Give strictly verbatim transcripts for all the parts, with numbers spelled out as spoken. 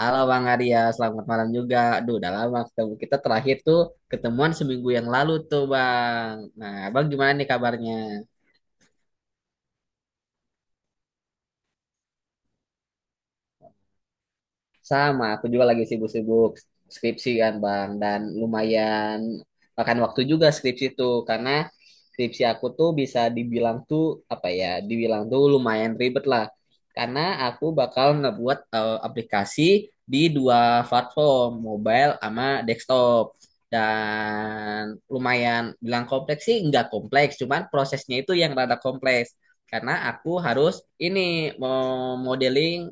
Halo Bang Arya, selamat malam juga. Aduh, udah lama ketemu. Kita terakhir tuh ketemuan seminggu yang lalu tuh Bang. Nah, Bang gimana nih kabarnya? Sama, aku juga lagi sibuk-sibuk skripsi kan Bang dan lumayan makan waktu juga skripsi itu karena skripsi aku tuh bisa dibilang tuh apa ya, dibilang tuh lumayan ribet lah. Karena aku bakal ngebuat eh, aplikasi di dua platform, mobile sama desktop. Dan lumayan bilang kompleks sih nggak kompleks, cuman prosesnya itu yang rada kompleks. Karena aku harus ini mau modeling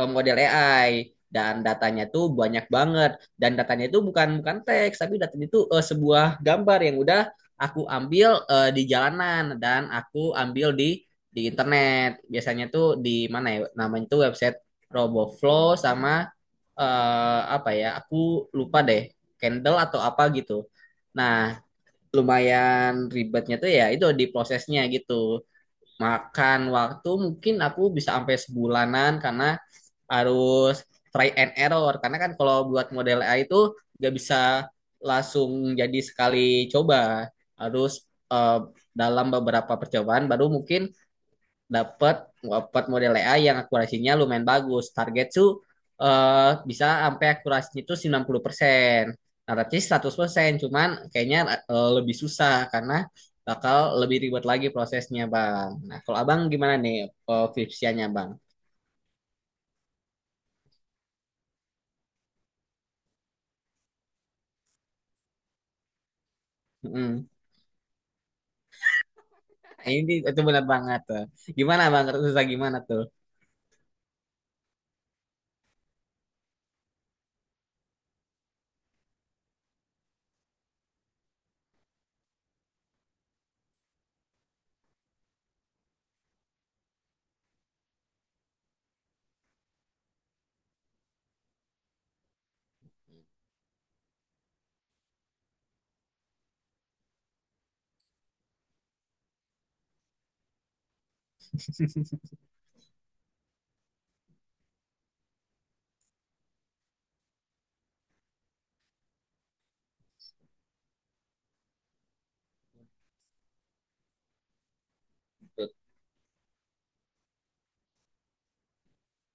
eh, model A I dan datanya tuh banyak banget, dan datanya itu bukan bukan teks, tapi datanya itu eh, sebuah gambar yang udah aku ambil eh, di jalanan, dan aku ambil di di internet biasanya tuh di mana ya namanya tuh website RoboFlow sama eh, apa ya, aku lupa deh, Candle atau apa gitu. Nah, lumayan ribetnya tuh ya itu di prosesnya gitu, makan waktu mungkin aku bisa sampai sebulanan, karena harus try and error, karena kan kalau buat model A I itu nggak bisa langsung jadi sekali coba, harus eh, dalam beberapa percobaan baru mungkin dapat dapat model A I yang akurasinya lumayan bagus. Target tuh eh, bisa sampai akurasinya itu sembilan puluh persen. Nah, tapi seratus persen cuman kayaknya eh, lebih susah karena bakal lebih ribet lagi prosesnya, Bang. Nah, kalau Abang gimana nih eh, Vipsianya, Bang? Mm. Ini itu benar banget tuh. Gimana, Bang? Susah gimana tuh?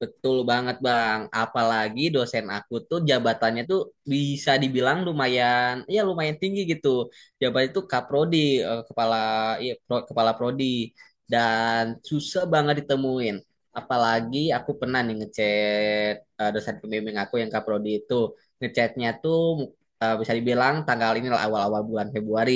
Betul banget Bang. Apalagi dosen aku tuh jabatannya tuh bisa dibilang lumayan, ya lumayan tinggi gitu. Jabatannya tuh kaprodi, eh, kepala, iya, pro- kepala prodi, dan susah banget ditemuin. Apalagi aku pernah nih ngechat eh, dosen pembimbing aku yang kaprodi itu, ngechatnya tuh eh, bisa dibilang tanggal ini lah awal-awal bulan Februari.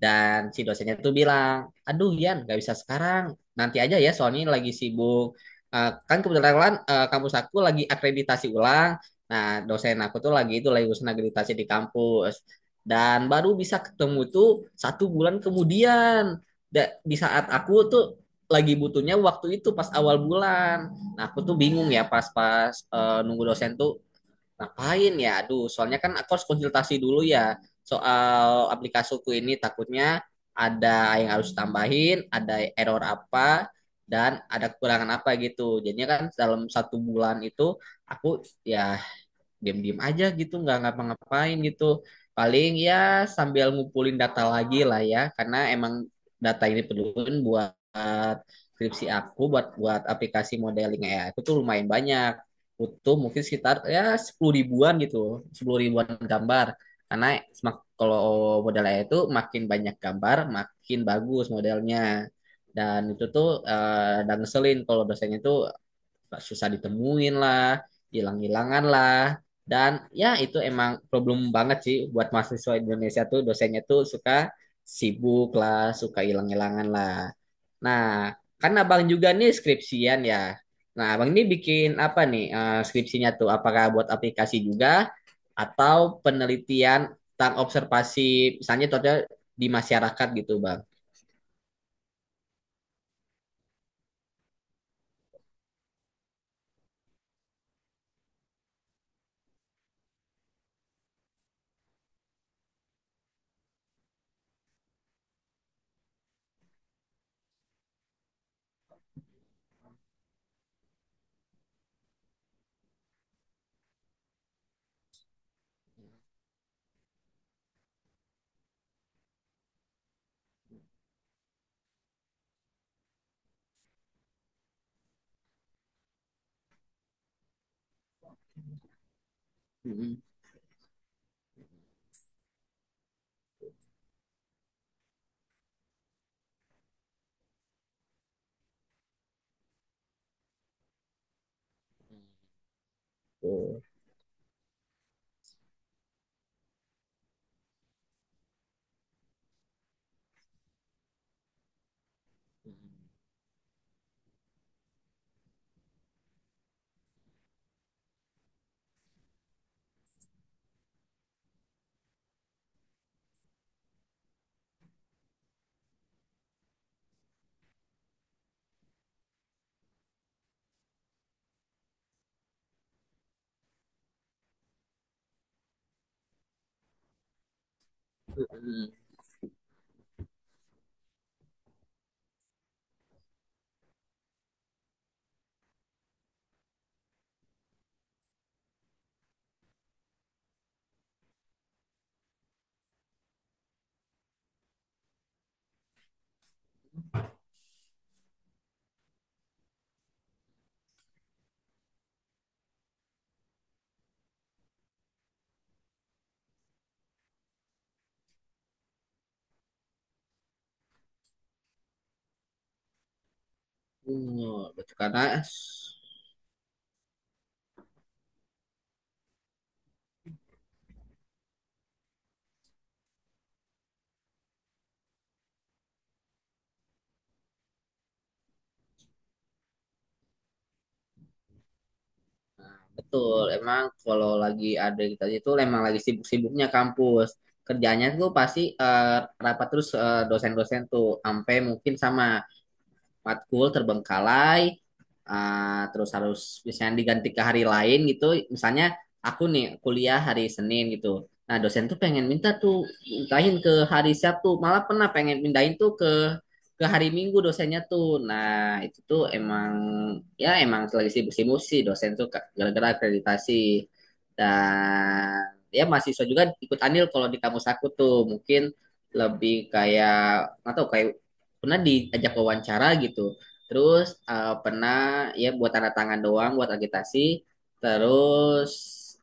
Dan si dosennya tuh bilang, aduh Yan, gak bisa sekarang, nanti aja ya, Sony lagi sibuk, eh, kan kebetulan eh, kampus aku lagi akreditasi ulang. Nah, dosen aku tuh lagi itu lagi urusan akreditasi di kampus. Dan baru bisa ketemu tuh satu bulan kemudian. Da- di saat aku tuh lagi butuhnya waktu itu pas awal bulan. Nah, aku tuh bingung ya pas-pas eh, nunggu dosen tuh, ngapain ya? Aduh, soalnya kan aku harus konsultasi dulu ya soal aplikasiku ini, takutnya ada yang harus tambahin, ada error apa, dan ada kekurangan apa gitu. Jadinya kan dalam satu bulan itu aku ya diam-diam aja gitu, nggak ngapa-ngapain gitu, paling ya sambil ngumpulin data lagi lah ya, karena emang data ini perluin buat skripsi aku buat buat aplikasi modeling A I aku tuh lumayan banyak, butuh mungkin sekitar ya sepuluh ribuan gitu, sepuluh ribuan gambar, karena semak- kalau model A I itu makin banyak gambar makin bagus modelnya. Dan itu tuh eh, dan ngeselin kalau dosennya tuh susah ditemuin lah, hilang-hilangan lah. Dan ya itu emang problem banget sih buat mahasiswa Indonesia, tuh dosennya tuh suka sibuk lah, suka hilang-hilangan lah. Nah, kan abang juga nih skripsian ya. Nah, abang ini bikin apa nih eh, skripsinya tuh? Apakah buat aplikasi juga atau penelitian tentang observasi misalnya contohnya di masyarakat gitu, Bang? Mm-mm. Tuh. Mm. Oh, betul. Karena betul, emang kalau lagi ada kita itu emang lagi sibuk-sibuknya kampus. Kerjanya tuh pasti eh, rapat terus, eh, dosen-dosen tuh sampai mungkin sama matkul terbengkalai, eh, terus harus misalnya diganti ke hari lain gitu. Misalnya aku nih kuliah hari Senin gitu. Nah, dosen tuh pengen minta tuh pindahin ke hari Sabtu, malah pernah pengen pindahin tuh ke hari Minggu dosennya tuh. Nah, itu tuh emang ya emang lagi sibuk-sibuk sih dosen tuh Kak, gara-gara akreditasi. Dan ya mahasiswa juga ikut andil, kalau di kampus aku tuh mungkin lebih kayak nggak tahu kayak pernah diajak wawancara gitu. Terus eh, pernah ya buat tanda tangan doang buat agitasi. Terus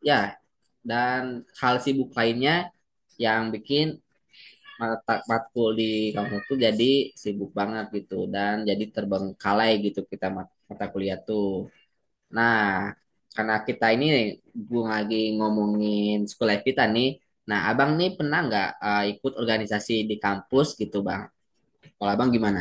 ya dan hal sibuk lainnya yang bikin mata matkul di kampus tuh jadi sibuk banget gitu dan jadi terbengkalai gitu kita mat- mata kuliah tuh. Nah, karena kita ini gue lagi ngomongin sekolah kita nih. Nah, abang nih pernah nggak eh, ikut organisasi di kampus gitu, bang? Kalau abang gimana?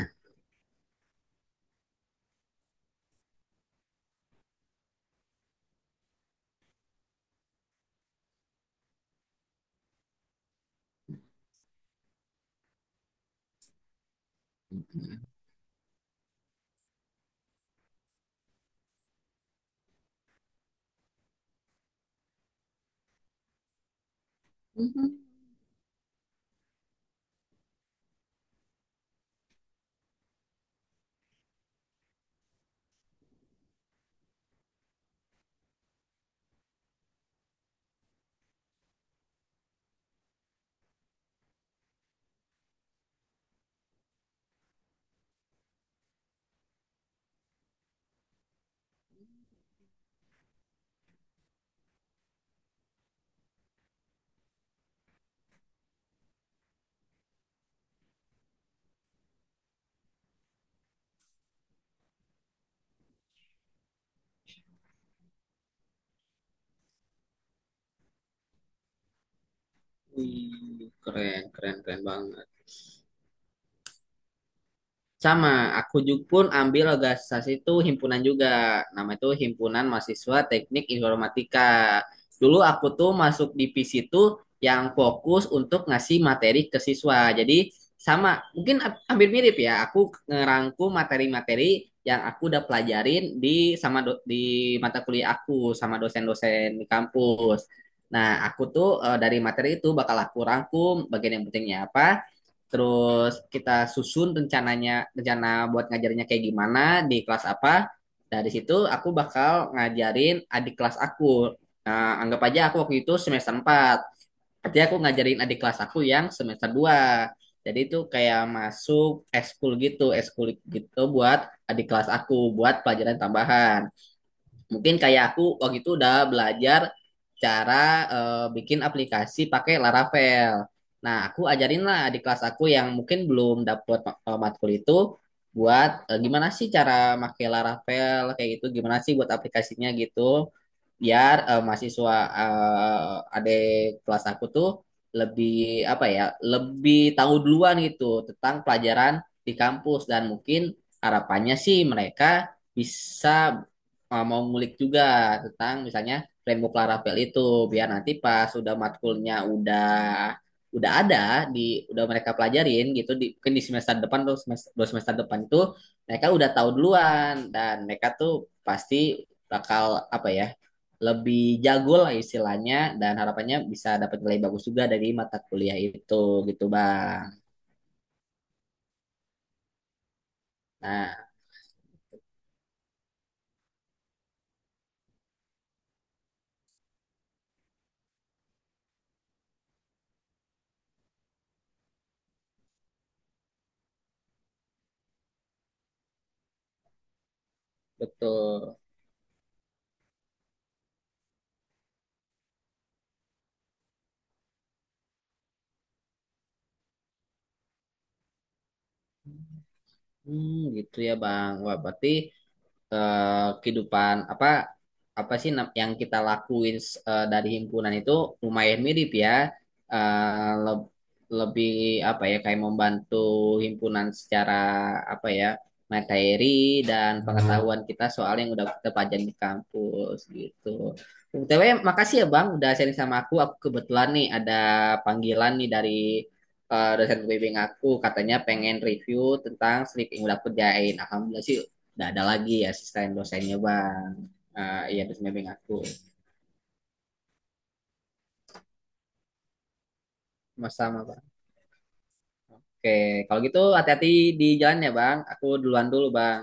Mhm. Wih, keren, keren, keren banget. Sama, aku juga pun ambil organisasi itu himpunan juga. Nama itu Himpunan Mahasiswa Teknik Informatika. Dulu aku tuh masuk divisi itu yang fokus untuk ngasih materi ke siswa. Jadi sama, mungkin ha- hampir mirip ya. Aku ngerangkum materi-materi yang aku udah pelajarin di sama do- di mata kuliah aku sama dosen-dosen di kampus. Nah, aku tuh eh, dari materi itu bakal aku rangkum bagian yang pentingnya apa, terus kita susun rencananya rencana buat ngajarnya kayak gimana di kelas apa, dari situ aku bakal ngajarin adik kelas aku. Nah, anggap aja aku waktu itu semester empat, berarti aku ngajarin adik kelas aku yang semester dua, jadi itu kayak masuk eskul gitu, eskul gitu buat adik kelas aku buat pelajaran tambahan. Mungkin kayak aku waktu itu udah belajar cara eh, bikin aplikasi pakai Laravel. Nah, aku ajarin lah di kelas aku yang mungkin belum dapet ma- eh, matkul itu buat eh, gimana sih cara pakai Laravel kayak gitu, gimana sih buat aplikasinya gitu biar eh, mahasiswa eh, adik kelas aku tuh lebih apa ya, lebih tahu duluan gitu tentang pelajaran di kampus, dan mungkin harapannya sih mereka bisa eh, mau ngulik juga tentang misalnya framework Laravel itu biar nanti pas udah matkulnya udah udah ada di udah mereka pelajarin gitu di, mungkin di semester depan atau semester, dua semester depan itu mereka udah tahu duluan, dan mereka tuh pasti bakal apa ya, lebih jago lah istilahnya, dan harapannya bisa dapat nilai bagus juga dari mata kuliah itu gitu bang. Nah betul. Hmm, gitu ya bang. Wah berarti eh, kehidupan apa apa sih nam- yang kita lakuin eh, dari himpunan itu lumayan mirip ya. Eh, le- lebih apa ya, kayak membantu himpunan secara apa ya, materi dan, hmm, pengetahuan kita soal yang udah kita pelajari di kampus gitu. B T W, makasih ya Bang udah sharing sama aku. Aku kebetulan nih ada panggilan nih dari eh, dosen pembimbing aku katanya pengen review tentang slip yang udah aku kerjain. Alhamdulillah sih. Nggak ada lagi asisten dosennya bang. Ah, iya dosen bimbing aku. Sama-sama bang. Oke, kalau gitu hati-hati di jalan ya bang. Aku duluan dulu bang.